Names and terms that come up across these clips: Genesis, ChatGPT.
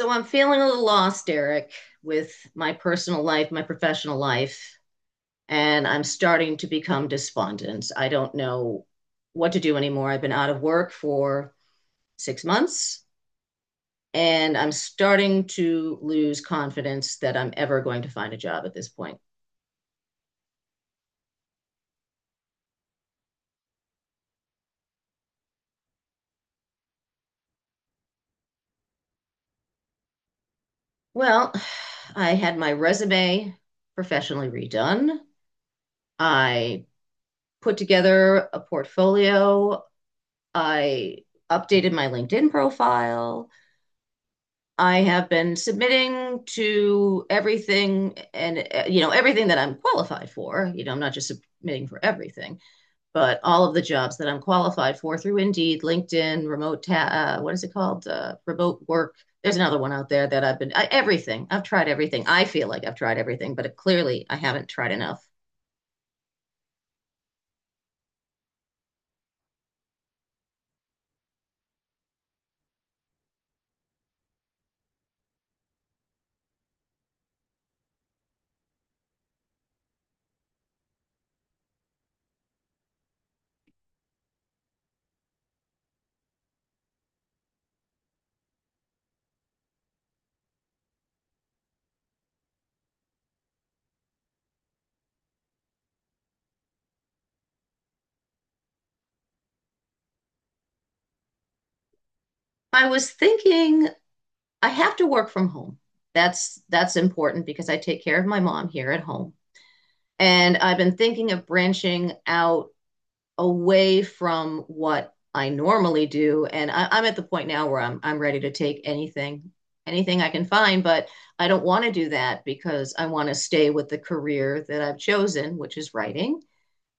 So I'm feeling a little lost, Eric, with my personal life, my professional life, and I'm starting to become despondent. I don't know what to do anymore. I've been out of work for 6 months, and I'm starting to lose confidence that I'm ever going to find a job at this point. Well, I had my resume professionally redone. I put together a portfolio. I updated my LinkedIn profile. I have been submitting to everything and, everything that I'm qualified for. You know, I'm not just submitting for everything, but all of the jobs that I'm qualified for through Indeed, LinkedIn, remote, what is it called? Remote work. There's another one out there that everything. I've tried everything. I feel like I've tried everything, but clearly I haven't tried enough. I was thinking I have to work from home. That's important because I take care of my mom here at home. And I've been thinking of branching out away from what I normally do. And I'm at the point now where I'm ready to take anything, anything I can find, but I don't want to do that because I want to stay with the career that I've chosen, which is writing.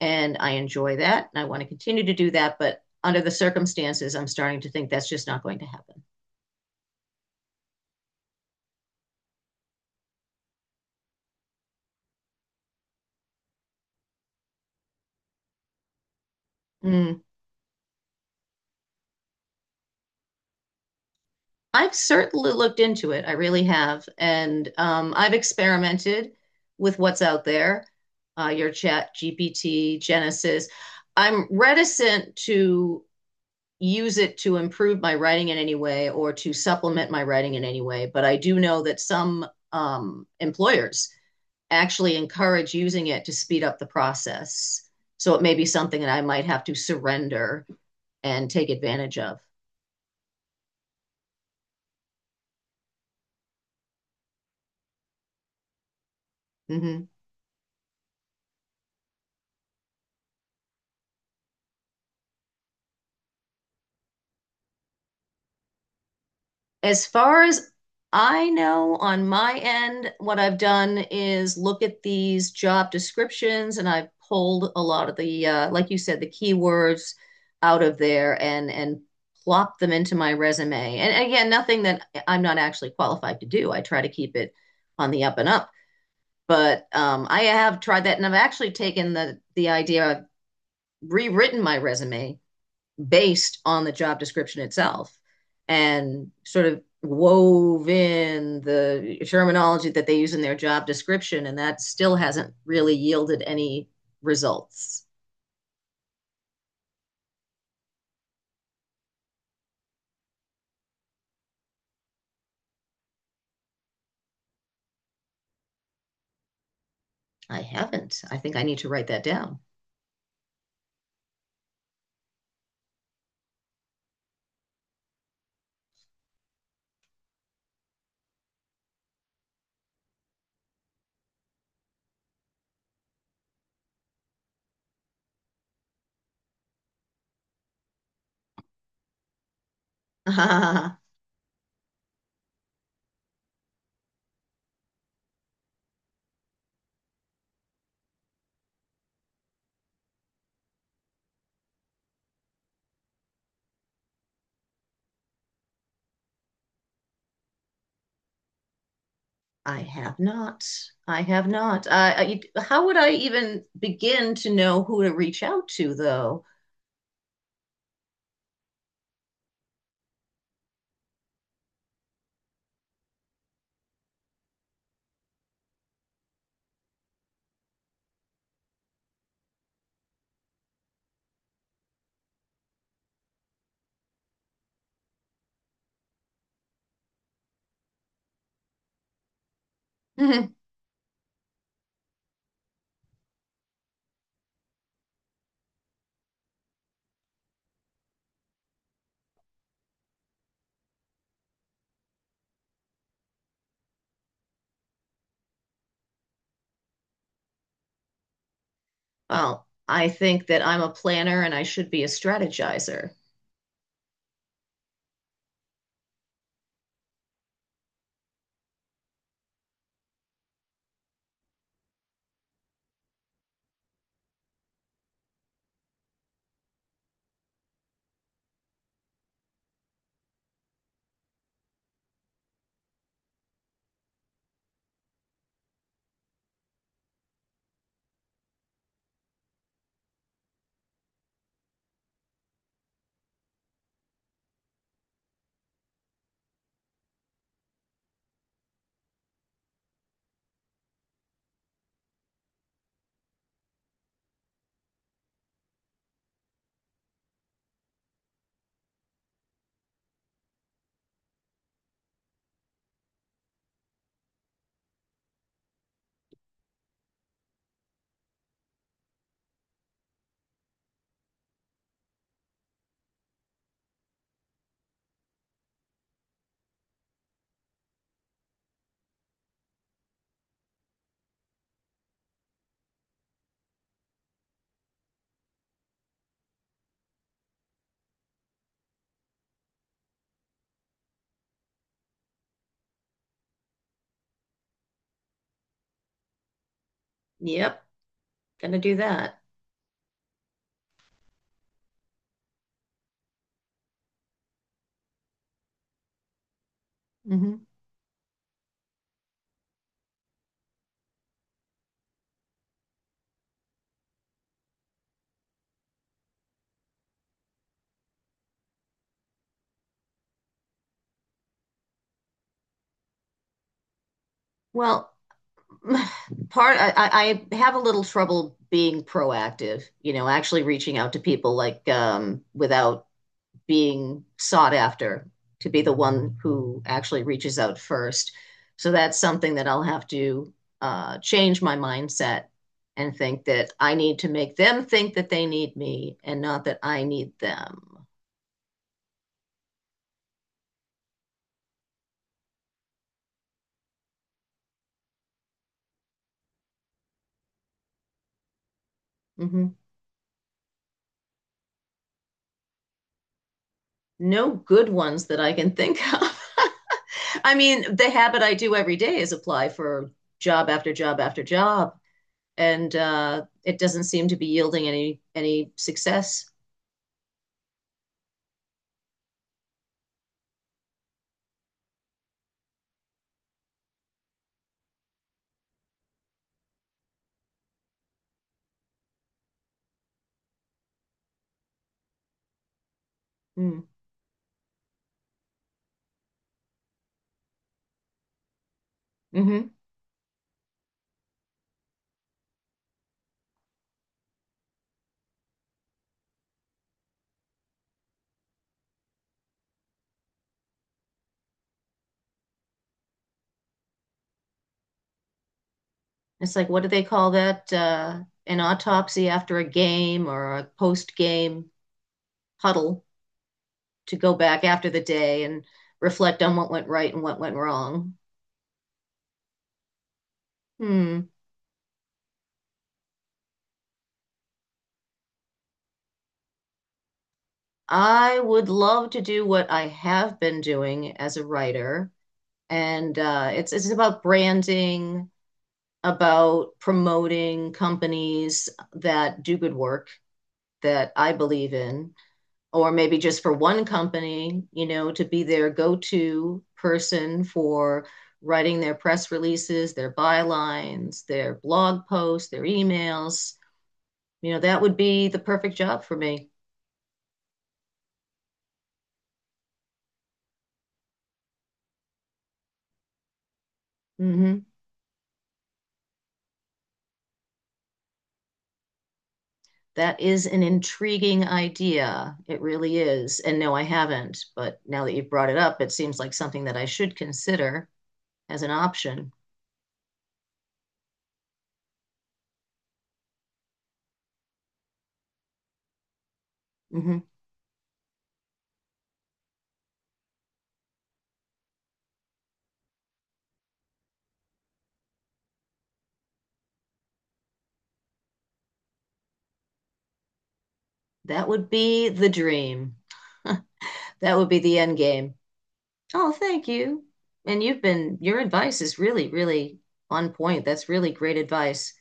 And I enjoy that and I want to continue to do that. But under the circumstances, I'm starting to think that's just not going to happen. Mm. I've certainly looked into it. I really have. And I've experimented with what's out there, your chat, GPT, Genesis. I'm reticent to use it to improve my writing in any way or to supplement my writing in any way. But I do know that some employers actually encourage using it to speed up the process. So it may be something that I might have to surrender and take advantage of. Mhm. As far as I know, on my end, what I've done is look at these job descriptions and I've pulled a lot of the, like you said, the keywords out of there and plopped them into my resume. And again, nothing that I'm not actually qualified to do. I try to keep it on the up and up. But I have tried that, and I've actually taken the idea. I've rewritten my resume based on the job description itself and sort of wove in the terminology that they use in their job description, and that still hasn't really yielded any results. I haven't. I think I need to write that down. I have not. I have not. How would I even begin to know who to reach out to, though? Mm-hmm. Well, I think that I'm a planner and I should be a strategizer. Yep, gonna do that. Mm-hmm. Well, I have a little trouble being proactive, actually reaching out to people without being sought after to be the one who actually reaches out first. So that's something that I'll have to change my mindset and think that I need to make them think that they need me and not that I need them. Hmm. No good ones that I can think of. I mean, the habit I do every day is apply for job after job after job, and it doesn't seem to be yielding any success. Mm. Hmm. It's like, what do they call that? An autopsy after a game or a post game huddle to go back after the day and reflect on what went right and what went wrong. Hmm. I would love to do what I have been doing as a writer, and it's about branding, about promoting companies that do good work that I believe in, or maybe just for one company, you know, to be their go to person for writing their press releases, their bylines, their blog posts, their emails. You know, that would be the perfect job for me. Mhm. That is an intriguing idea. It really is. And no, I haven't. But now that you've brought it up, it seems like something that I should consider as an option. Mhm. That would be the dream. That would be the end game. Oh, thank you. Your advice is really, really on point. That's really great advice.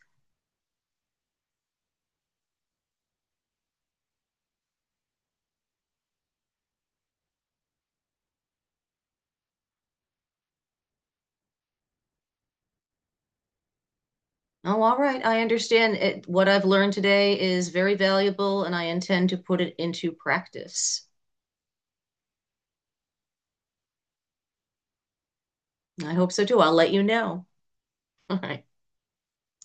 Oh, all right. I understand it. What I've learned today is very valuable, and I intend to put it into practice. I hope so too. I'll let you know. All right.